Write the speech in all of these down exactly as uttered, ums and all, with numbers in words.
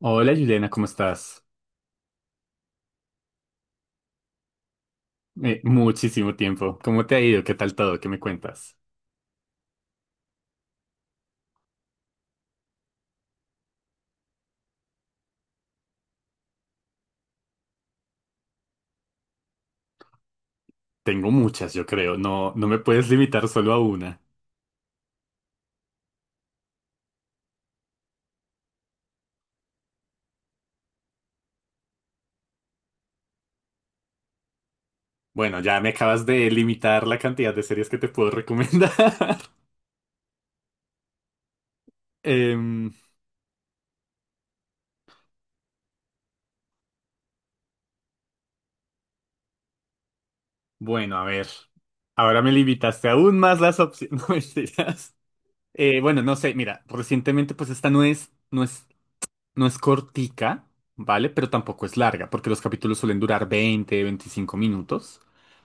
Hola Juliana, ¿cómo estás? Eh, muchísimo tiempo. ¿Cómo te ha ido? ¿Qué tal todo? ¿Qué me cuentas? Tengo muchas, yo creo. No, no me puedes limitar solo a una. Bueno, ya me acabas de limitar la cantidad de series que te puedo recomendar. Em, bueno, a ver. Ahora me limitaste aún más las opciones. No mentiras. Eh, bueno, no sé, mira, recientemente pues esta no es, no es No es cortica, ¿vale? Pero tampoco es larga, porque los capítulos suelen durar veinte, veinticinco minutos.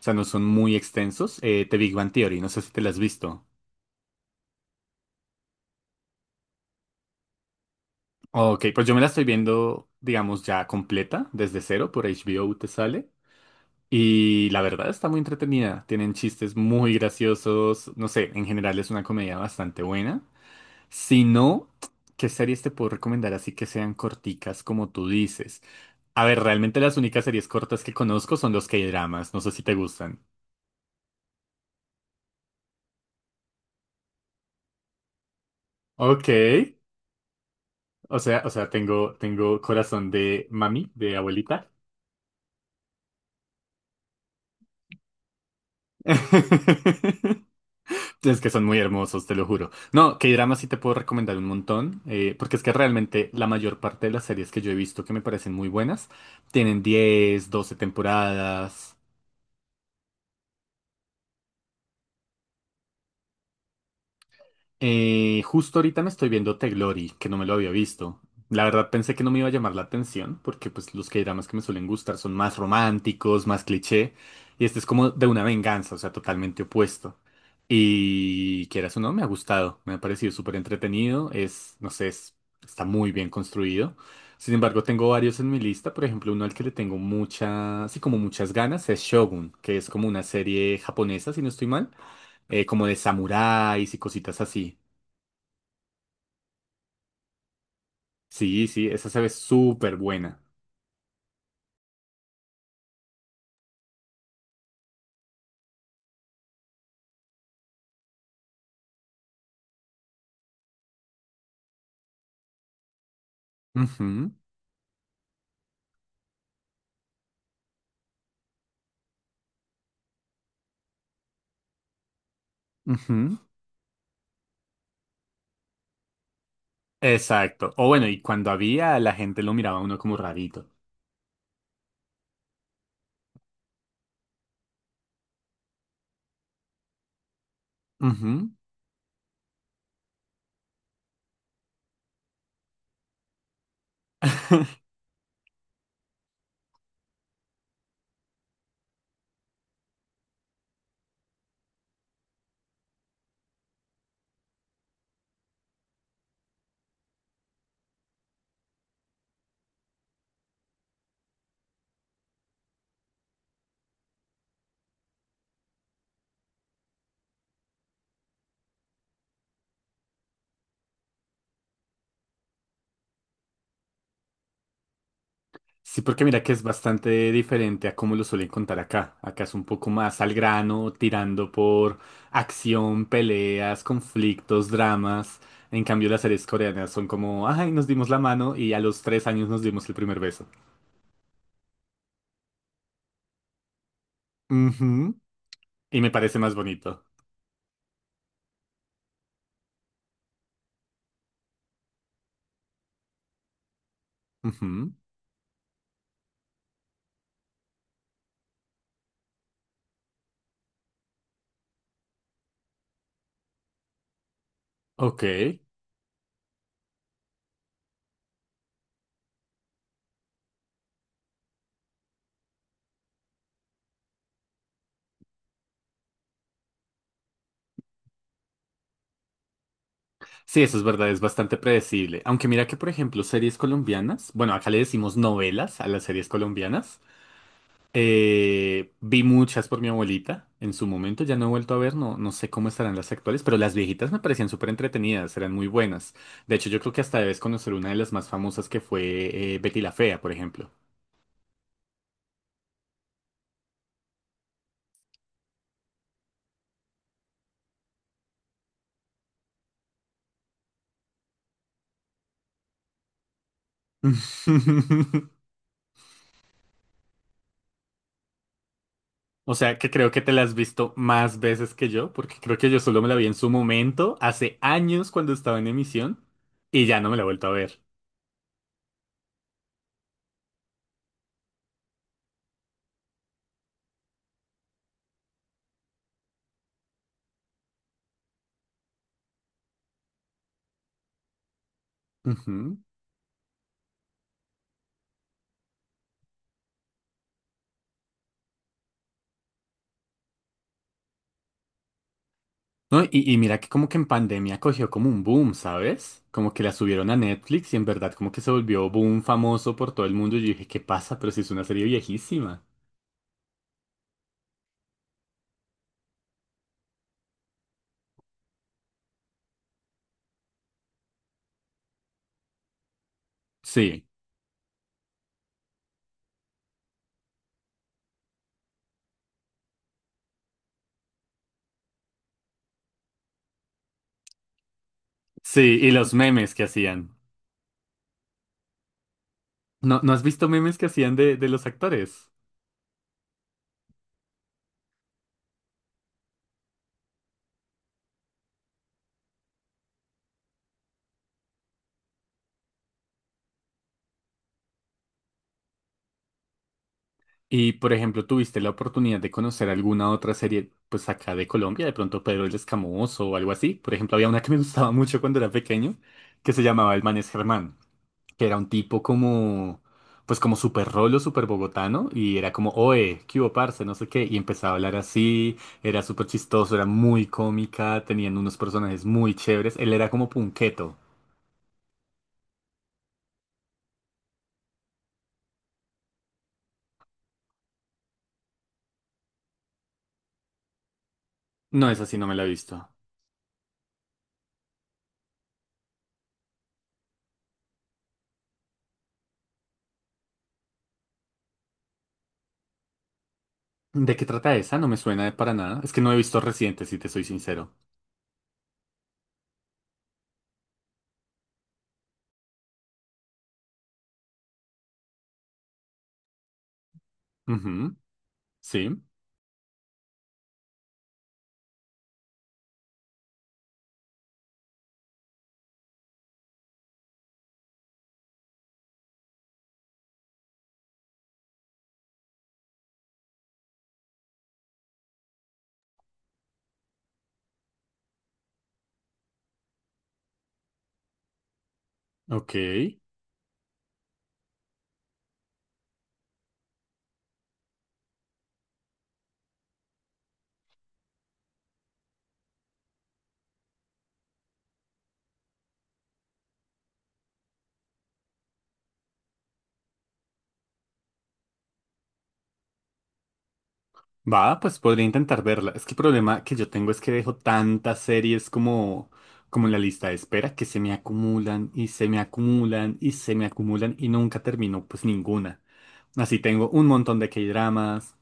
O sea, no son muy extensos. Eh, The Big Bang Theory, no sé si te la has visto. Ok, pues yo me la estoy viendo, digamos, ya completa, desde cero, por H B O te sale. Y la verdad está muy entretenida. Tienen chistes muy graciosos. No sé, en general es una comedia bastante buena. Si no, ¿qué series te puedo recomendar así que sean corticas como tú dices? A ver, realmente las únicas series cortas que conozco son los K-dramas. No sé si te gustan. Ok. O sea, o sea, tengo, tengo corazón de mami, de abuelita. Es que son muy hermosos, te lo juro. No, K-dramas sí te puedo recomendar un montón, eh, porque es que realmente la mayor parte de las series que yo he visto que me parecen muy buenas tienen diez doce temporadas. Eh, justo ahorita me estoy viendo The Glory, que no me lo había visto. La verdad pensé que no me iba a llamar la atención, porque pues los K-dramas que me suelen gustar son más románticos, más cliché, y este es como de una venganza, o sea, totalmente opuesto. Y quieras o no, me ha gustado, me ha parecido súper entretenido, es, no sé, es- está muy bien construido. Sin embargo, tengo varios en mi lista, por ejemplo, uno al que le tengo mucha, así como muchas ganas, es Shogun, que es como una serie japonesa, si no estoy mal, eh, como de samuráis y cositas así. Sí, sí, esa se ve súper buena. Ujú, ujú. Exacto. O bueno, y cuando había, la gente lo miraba a uno como rarito. Ujú. Sí, porque mira que es bastante diferente a cómo lo suelen contar acá. Acá es un poco más al grano, tirando por acción, peleas, conflictos, dramas. En cambio, las series coreanas son como, ay, nos dimos la mano y a los tres años nos dimos el primer beso. Ujú. Y me parece más bonito. Ujú. Ok. Sí, eso es verdad, es bastante predecible. Aunque mira que, por ejemplo, series colombianas, bueno, acá le decimos novelas a las series colombianas. Eh, vi muchas por mi abuelita en su momento, ya no he vuelto a ver, no, no sé cómo estarán las actuales, pero las viejitas me parecían súper entretenidas, eran muy buenas. De hecho, yo creo que hasta debes conocer una de las más famosas que fue eh, Betty la Fea, por ejemplo. O sea, que creo que te la has visto más veces que yo, porque creo que yo solo me la vi en su momento, hace años cuando estaba en emisión, y ya no me la he vuelto a ver. Ujú. No, y, y mira que como que en pandemia cogió como un boom, ¿sabes? Como que la subieron a Netflix y en verdad como que se volvió boom famoso por todo el mundo. Y yo dije, ¿qué pasa? Pero si es una serie viejísima. Sí, sí, y los memes que hacían. ¿No, no has visto memes que hacían de, de los actores? Y por ejemplo, ¿tuviste la oportunidad de conocer alguna otra serie, pues acá de Colombia, de pronto Pedro el Escamoso o algo así? Por ejemplo, había una que me gustaba mucho cuando era pequeño, que se llamaba El Man es Germán. Que era un tipo como, pues como súper rolo, súper bogotano, y era como, oe, qué hubo, parce, no sé qué, y empezaba a hablar así, era súper chistoso, era muy cómica, tenían unos personajes muy chéveres, él era como punqueto. No, es así no me la he visto. ¿De qué trata esa? No me suena de para nada. Es que no he visto reciente, si te soy sincero. Ujú, sí, ok. Va, pues podría intentar verla. Es que el problema que yo tengo es que dejo tantas series como, como en la lista de espera que se me acumulan y se me acumulan y se me acumulan y nunca termino pues ninguna. Así tengo un montón de K-dramas,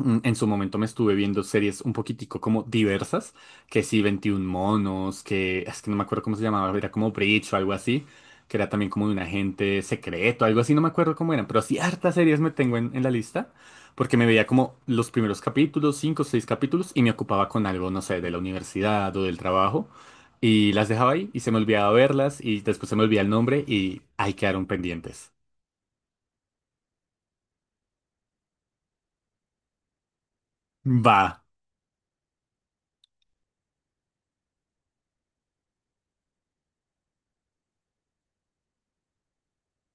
Mm, en su momento me estuve viendo series un poquitico como diversas, que sí, veintiún monos, que es que no me acuerdo cómo se llamaba, era como Breach o algo así, que era también como de un agente secreto, algo así, no me acuerdo cómo eran, pero sí, hartas series me tengo en, en la lista, porque me veía como los primeros capítulos, cinco o seis capítulos, y me ocupaba con algo, no sé, de la universidad o del trabajo, y las dejaba ahí y se me olvidaba verlas, y después se me olvidaba el nombre y ahí quedaron pendientes. Va,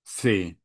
sí.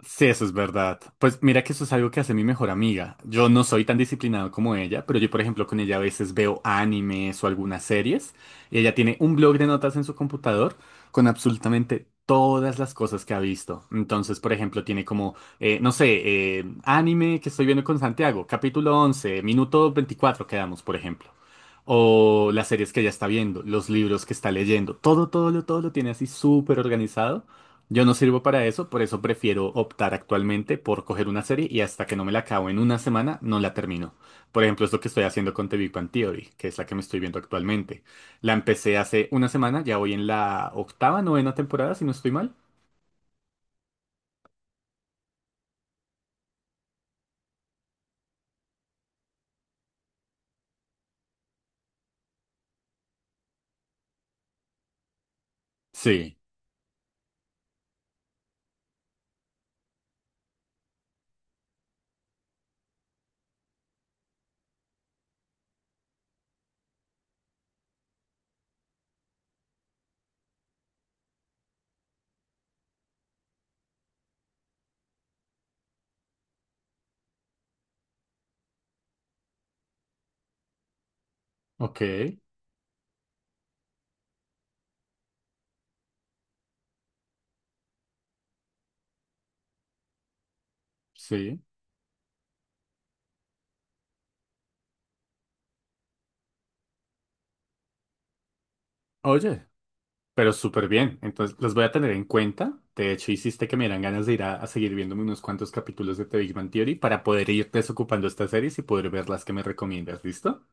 Sí, eso es verdad. Pues mira que eso es algo que hace mi mejor amiga. Yo no soy tan disciplinado como ella, pero yo, por ejemplo, con ella a veces veo animes o algunas series. Y ella tiene un blog de notas en su computador con absolutamente todas las cosas que ha visto. Entonces, por ejemplo, tiene como, eh, no sé, eh, anime que estoy viendo con Santiago, capítulo once minuto veinticuatro quedamos, por ejemplo. O las series que ella está viendo, los libros que está leyendo. Todo, todo, lo- todo lo tiene así súper organizado. Yo no sirvo para eso, por eso prefiero optar actualmente por coger una serie y hasta que no me la acabo en una semana, no la termino. Por ejemplo, es lo que estoy haciendo con The Big Bang Theory, que es la que me estoy viendo actualmente. La empecé hace una semana, ya voy en la octava, novena temporada, si no estoy mal. Sí, ok, sí. Oye, pero súper bien. Entonces, los voy a tener en cuenta. De hecho, hiciste que me dieran ganas de ir a, a seguir viéndome unos cuantos capítulos de The Big Bang Theory para poder ir desocupando estas series y poder ver las que me recomiendas, ¿listo?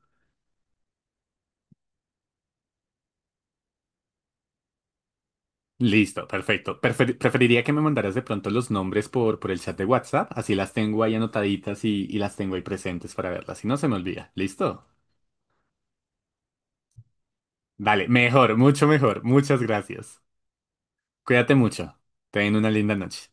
Listo, perfecto. Prefer- preferiría que me mandaras de pronto los nombres por, por el chat de WhatsApp, así las tengo ahí anotaditas y, y las tengo ahí presentes para verlas, si no se me olvida. ¿Listo? Vale, mejor, mucho mejor. Muchas gracias. Cuídate mucho. Ten una linda noche.